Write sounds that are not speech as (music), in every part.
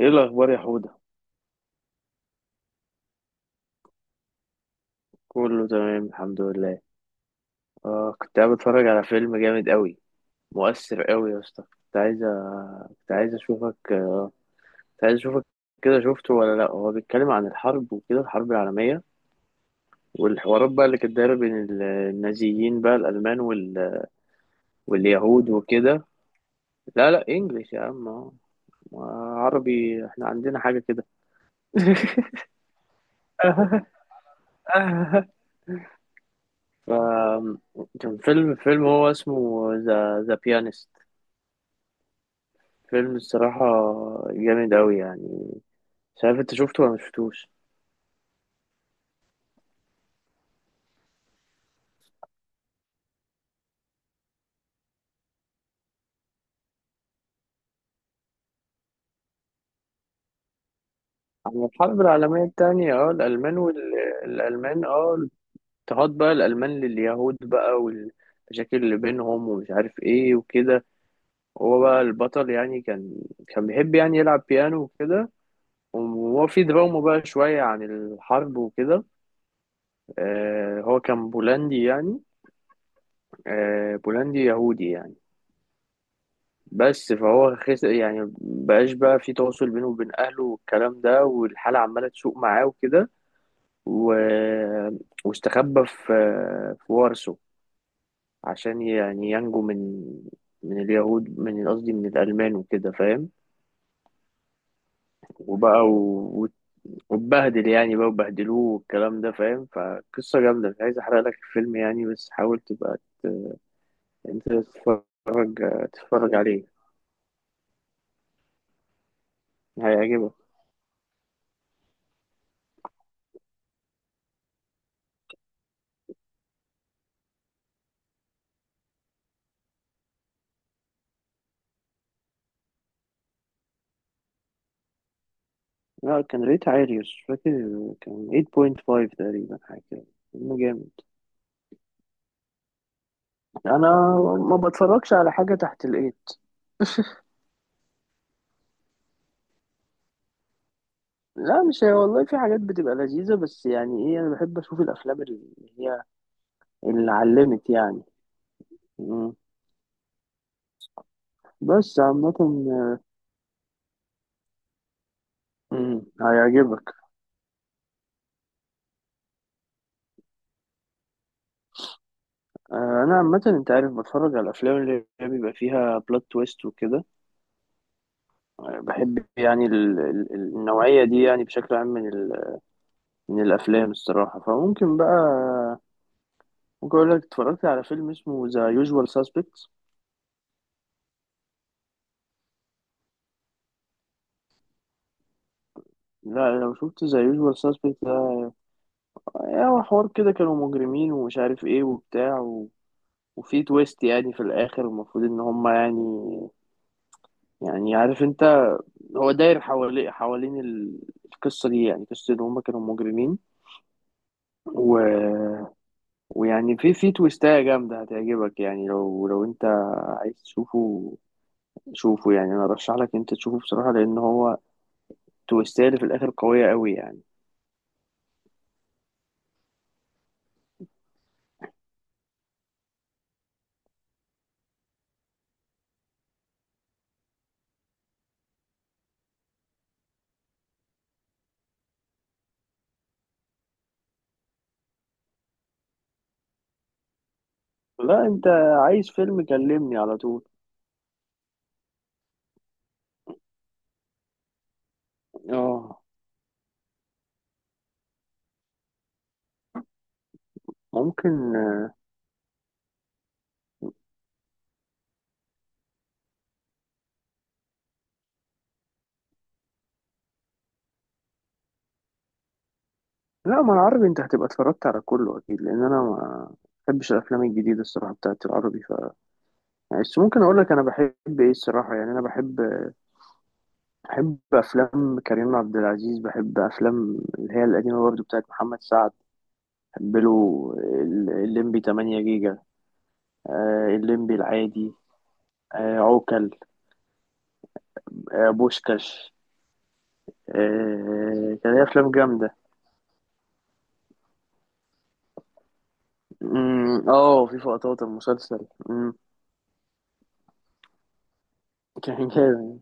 ايه الاخبار يا حوده؟ كله تمام الحمد لله. اه كنت قاعد بتفرج على فيلم جامد قوي مؤثر قوي يا اسطى. كنت عايز اشوفك كنت عايز اشوفك كده، شفته ولا لا؟ هو بيتكلم عن الحرب وكده، الحرب العالميه، والحوارات بقى اللي كانت دايره بين النازيين بقى الالمان واليهود وكده. لا لا، انجلش يا عم آه. عربي احنا عندنا حاجه كده. (laughs) ف كان فيلم، هو اسمه ذا بيانست. فيلم الصراحة جامد أوي يعني. مش عارف أنت شفته ولا مشفتوش؟ عن الحرب العالمية التانية، الألمان والألمان اه اضطهاد بقى الألمان لليهود بقى، والمشاكل اللي بينهم ومش عارف ايه وكده. هو بقى البطل يعني، كان بيحب يعني يلعب بيانو وكده، وهو في دراما بقى شوية عن الحرب وكده. هو كان بولندي يعني. بولندي يهودي يعني. بس فهو خس يعني، بقاش بقى في تواصل بينه وبين اهله والكلام ده، والحاله عماله تسوء معاه وكده و... واستخبى في وارسو، عشان يعني ينجو من اليهود، من قصدي من الالمان وكده، فاهم؟ وبقى واتبهدل يعني بقى وبهدلوه والكلام ده، فاهم؟ فقصه جامده. مش عايز احرق لك الفيلم يعني، بس حاول تبقى ت- انت تتفرج عليه. هيعجبك. لا، كان ريت عالي بس مش فاكر. كان 8.5 تقريبا حاجة كده. فيلم جامد. أنا ما بتفرجش على حاجة تحت الإيد. لا مش هي، والله في حاجات بتبقى لذيذة، بس يعني إيه، أنا بحب أشوف الأفلام اللي هي اللي علمت يعني. مم. بس عامة. هيعجبك. أنا عامة أنت عارف بتفرج على الأفلام اللي هي بيبقى فيها بلوت تويست وكده. بحب يعني النوعية دي يعني بشكل عام، من الأفلام الصراحة. فممكن بقى ممكن أقول لك اتفرجت على فيلم اسمه ذا يوجوال ساسبكتس. لا لو شفت ذا يوجوال ساسبكتس ده، يعني هو حوار كده، كانوا مجرمين ومش عارف ايه وبتاع وفي تويست يعني في الآخر، المفروض إن هما يعني، يعني عارف انت، هو داير حوالي حوالين القصة دي، يعني قصة إن هما كانوا مجرمين و... ويعني في تويستاية جامدة هتعجبك، يعني لو انت عايز تشوفه شوفه. يعني انا ارشح لك انت تشوفه بصراحة، لان هو تويستاية اللي في الاخر قوية قوي يعني. لا انت عايز فيلم كلمني على طول. اه، ممكن. لا، ما العربي انت هتبقى اتفرجت على كله اكيد، لان انا ما بحبش الافلام الجديده الصراحه بتاعت العربي. يعني، بس ممكن اقول لك انا بحب ايه الصراحه. يعني انا بحب افلام كريم عبد العزيز. بحب افلام اللي هي القديمه برضو بتاعت محمد سعد. بحب له الليمبي 8 جيجا. الليمبي العادي. عوكل. بوشكاش. كان ليه افلام جامده. أمم، اه في لقطات المسلسل. كان جامد.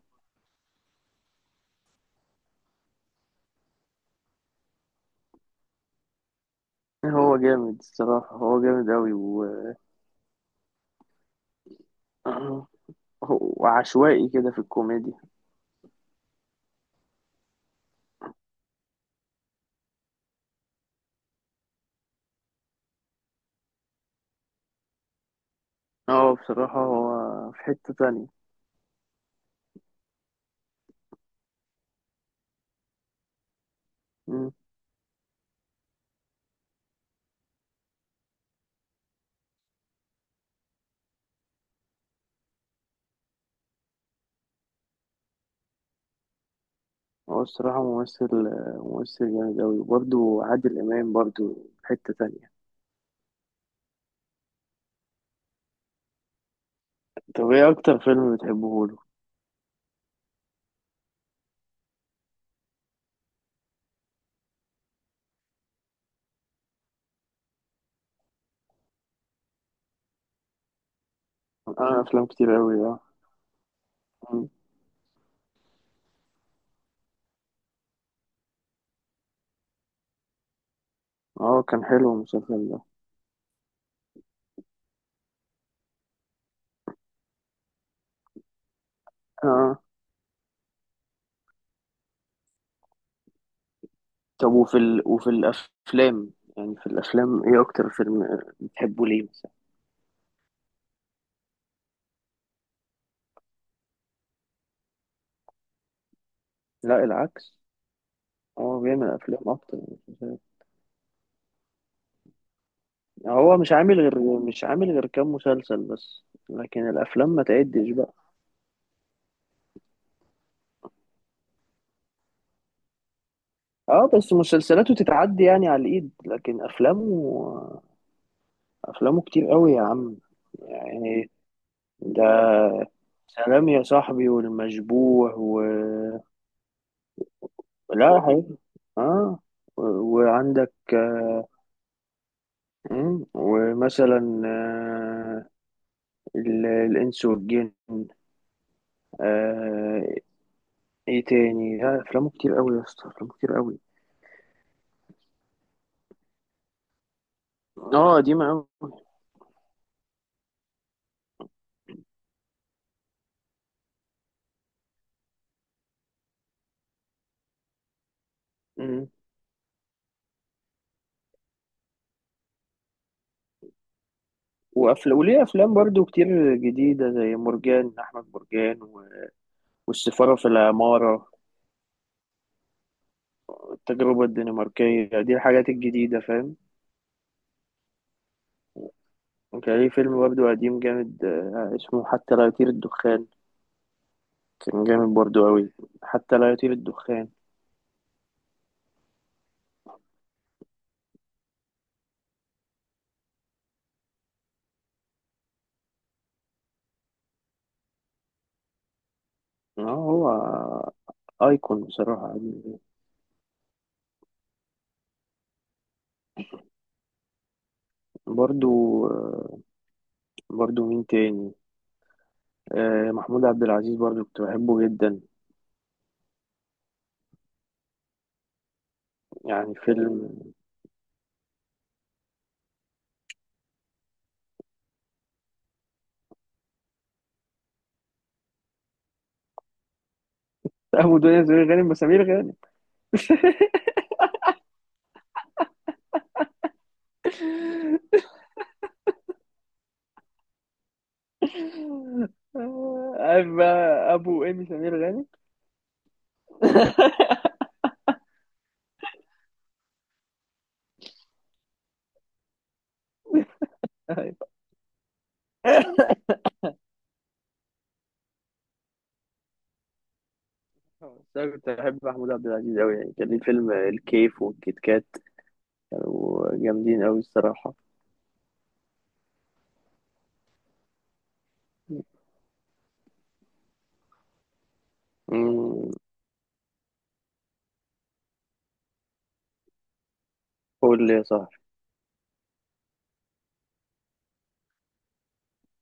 هو جامد الصراحة، هو جامد أوي (clears throat) وعشوائي كده في الكوميديا. اه بصراحة هو في حتة تانية. أمم، هو الصراحة ممثل جامد أوي، وبرضه عادل إمام برضه في حتة تانية. طب ايه أكتر فيلم بتحبه له؟ أنا أفلام كتير أوي اه أمم، اه، كان حلو المسلسل ده. اه. طب وفي الأفلام، يعني في الأفلام ايه أكتر فيلم بتحبه ليه مثلا؟ لا العكس، هو بيعمل افلام اكتر من مسلسلات. هو مش عامل غير كام مسلسل بس، لكن الافلام ما تعدش بقى. اه، بس مسلسلاته تتعدي يعني على الايد، لكن افلامه، افلامه كتير قوي يا عم يعني. ده سلام يا صاحبي، والمشبوح. لا حقيقي. اه، و- وعندك. ومثلا، الانس والجن. ايه تاني؟ لا افلامه كتير قوي يا اسطى، افلامه كتير قوي. اه قديمه قوي. امم وافلام، وليه افلام برضو كتير جديده، زي مرجان احمد مرجان والسفاره في العماره، والتجربه الدنماركيه، دي الحاجات الجديده، فاهم؟ كان ليه فيلم برضو قديم جامد، اسمه حتى لا يطير الدخان. كان جامد برضو قوي. حتى لا يطير الدخان. اه، هو ايكون بصراحه. برضو آه، برضو مين تاني؟ محمود عبد العزيز برضو كنت بحبه جدا، يعني فيلم. (laughs) أبو دنيا سمير غانم، وسمير غانم. (laughs) عارف بقى أبو إيمي سمير غانم. (laughs) أيوة. بس أنا كنت بحب محمود عبد العزيز أوي يعني، كان ليه فيلم الكيف والكيت كات، كانوا جامدين أوي الصراحة. أمم، قول لي يا صاحبي.